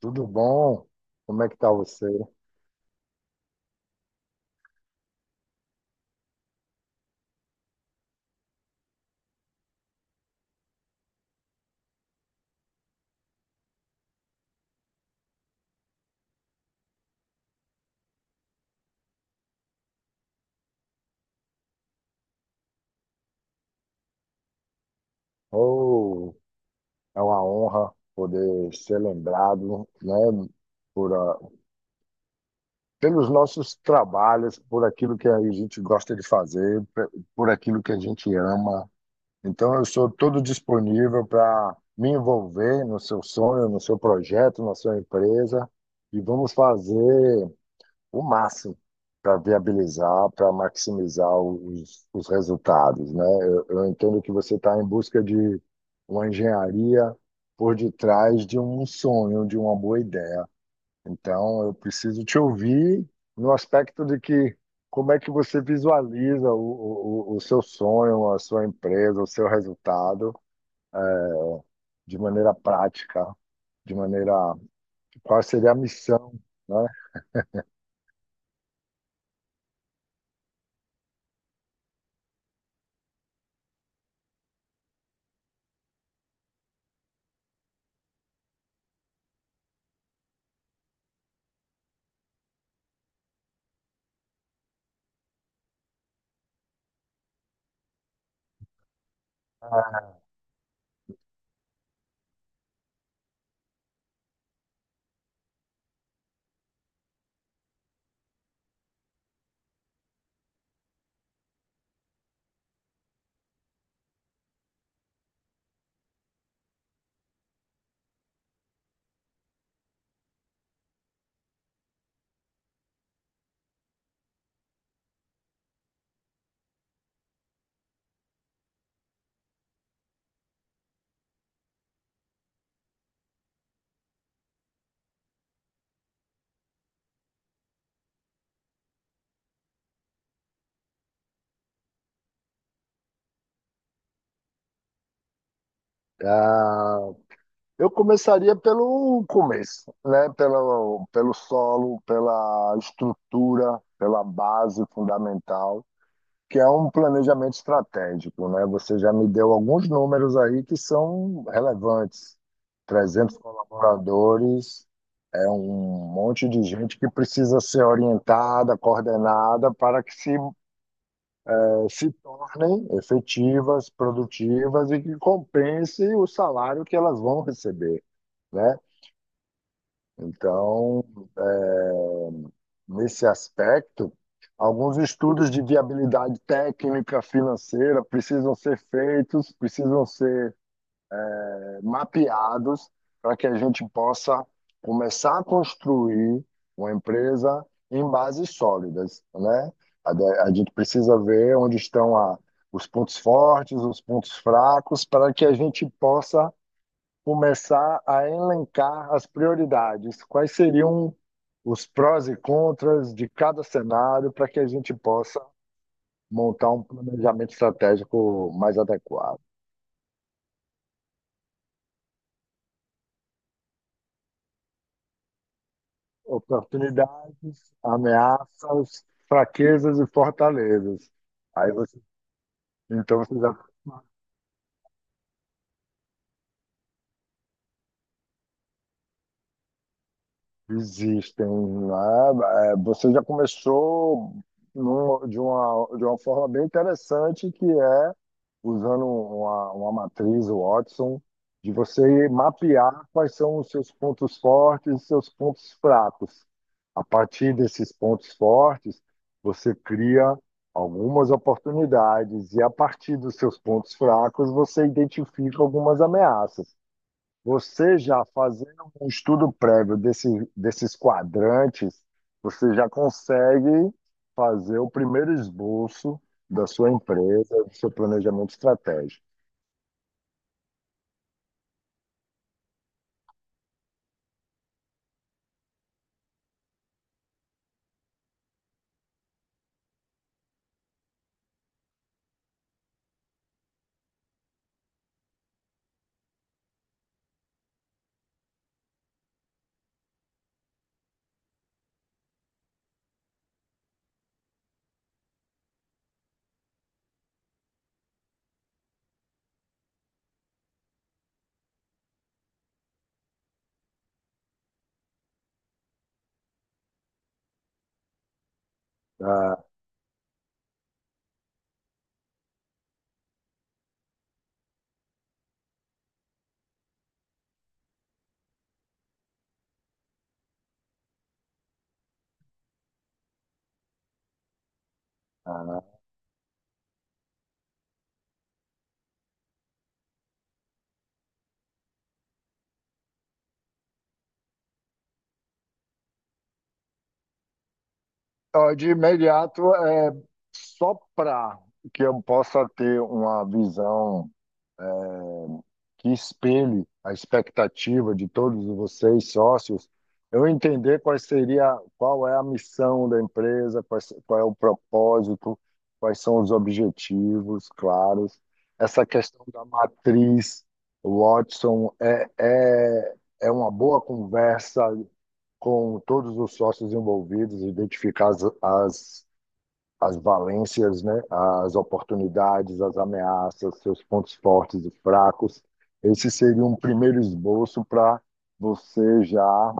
Tudo bom? Como é que tá você? Oh, é uma honra poder ser lembrado, né, por, ah, pelos nossos trabalhos, por aquilo que a gente gosta de fazer, por aquilo que a gente ama. Então, eu sou todo disponível para me envolver no seu sonho, no seu projeto, na sua empresa, e vamos fazer o máximo para viabilizar, para maximizar os resultados, né? Eu entendo que você está em busca de uma engenharia por detrás de um sonho, de uma boa ideia. Então, eu preciso te ouvir no aspecto de que como é que você visualiza o seu sonho, a sua empresa, o seu resultado de maneira prática, de maneira qual seria a missão, né? É, Eu começaria pelo começo, né? Pelo solo, pela estrutura, pela base fundamental, que é um planejamento estratégico, né? Você já me deu alguns números aí que são relevantes. 300 colaboradores, é um monte de gente que precisa ser orientada, coordenada, para que se tornem efetivas, produtivas e que compense o salário que elas vão receber, né? Então, nesse aspecto, alguns estudos de viabilidade técnica, financeira precisam ser feitos, precisam ser mapeados para que a gente possa começar a construir uma empresa em bases sólidas, né? A gente precisa ver onde estão os pontos fortes, os pontos fracos, para que a gente possa começar a elencar as prioridades. Quais seriam os prós e contras de cada cenário para que a gente possa montar um planejamento estratégico mais adequado? Oportunidades, ameaças, fraquezas e fortalezas. Aí você, então você já existem, né? É, você já começou de uma forma bem interessante que é usando uma matriz Watson, de você mapear quais são os seus pontos fortes e seus pontos fracos. A partir desses pontos fortes, você cria algumas oportunidades, e a partir dos seus pontos fracos, você identifica algumas ameaças. Você já fazendo um estudo prévio desses quadrantes, você já consegue fazer o primeiro esboço da sua empresa, do seu planejamento estratégico. Ah, ah. Então, de imediato, é só para que eu possa ter uma visão que espelhe a expectativa de todos vocês, sócios, eu entender quais seria, qual é a missão da empresa, qual é o propósito, quais são os objetivos claros. Essa questão da matriz, Watson, é uma boa conversa com todos os sócios envolvidos, identificar as valências, né, as oportunidades, as ameaças, seus pontos fortes e fracos. Esse seria um primeiro esboço para você já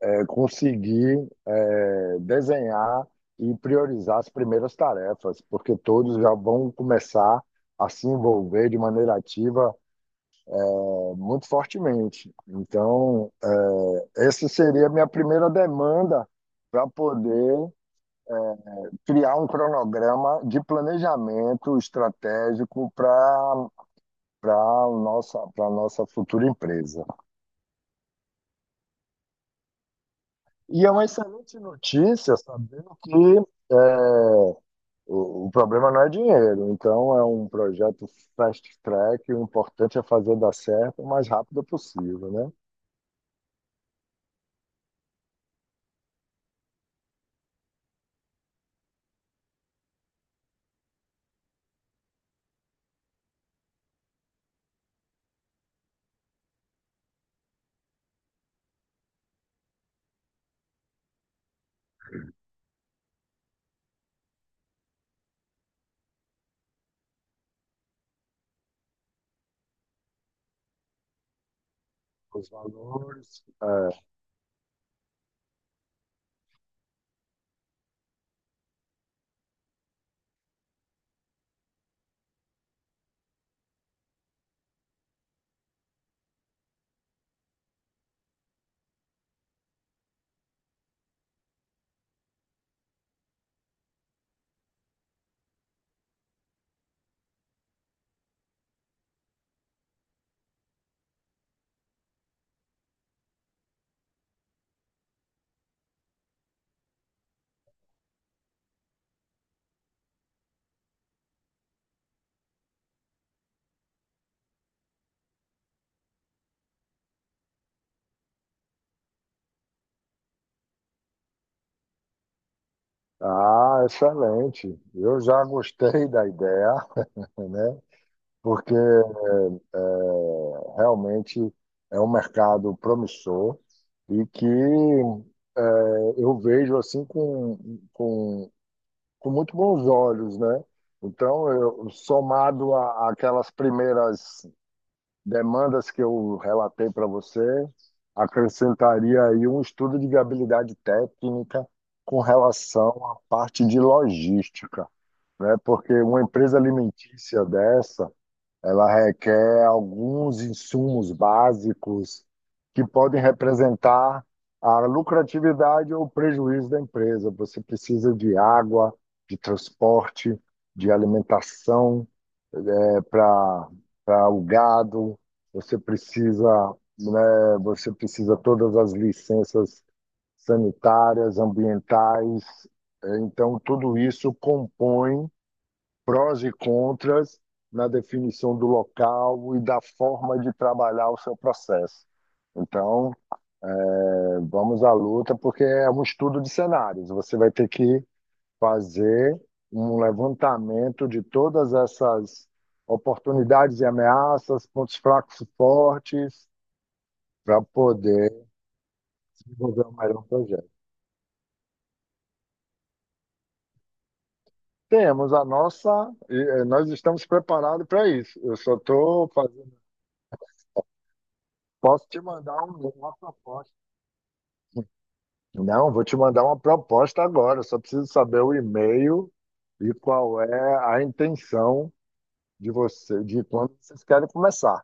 conseguir desenhar e priorizar as primeiras tarefas, porque todos já vão começar a se envolver de maneira ativa muito fortemente. Então, essa seria a minha primeira demanda para poder criar um cronograma de planejamento estratégico para para nossa futura empresa. E é uma excelente notícia sabendo que é, o problema não é dinheiro, então é um projeto fast track, o importante é fazer dar certo o mais rápido possível, né? Os valores. Ah, excelente. Eu já gostei da ideia, né? Porque realmente é um mercado promissor e que é, eu vejo assim com, com muito bons olhos, né? Então, eu, somado a- àquelas primeiras demandas que eu relatei para você, acrescentaria aí um estudo de viabilidade técnica com relação à parte de logística, né? Porque uma empresa alimentícia dessa ela requer alguns insumos básicos que podem representar a lucratividade ou prejuízo da empresa. Você precisa de água, de transporte, de alimentação para para o gado. Você precisa, né, você precisa todas as licenças sanitárias, ambientais. É, então, tudo isso compõe prós e contras na definição do local e da forma de trabalhar o seu processo. Então, vamos à luta, porque é um estudo de cenários. Você vai ter que fazer um levantamento de todas essas oportunidades e ameaças, pontos fracos e fortes, para poder desenvolver o melhor projeto. Temos a nossa, nós estamos preparados para isso. Eu só estou fazendo, posso te mandar um nosso apoio. Não, vou te mandar uma proposta agora. Só preciso saber o e-mail e qual é a intenção de você, de quando vocês querem começar.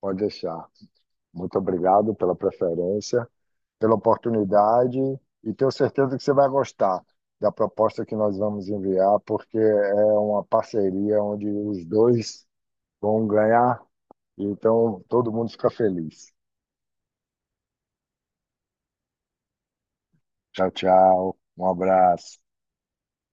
Pode deixar. Muito obrigado pela preferência, pela oportunidade e tenho certeza que você vai gostar da proposta que nós vamos enviar, porque é uma parceria onde os dois vão ganhar, então todo mundo fica feliz. Tchau, tchau. Um abraço.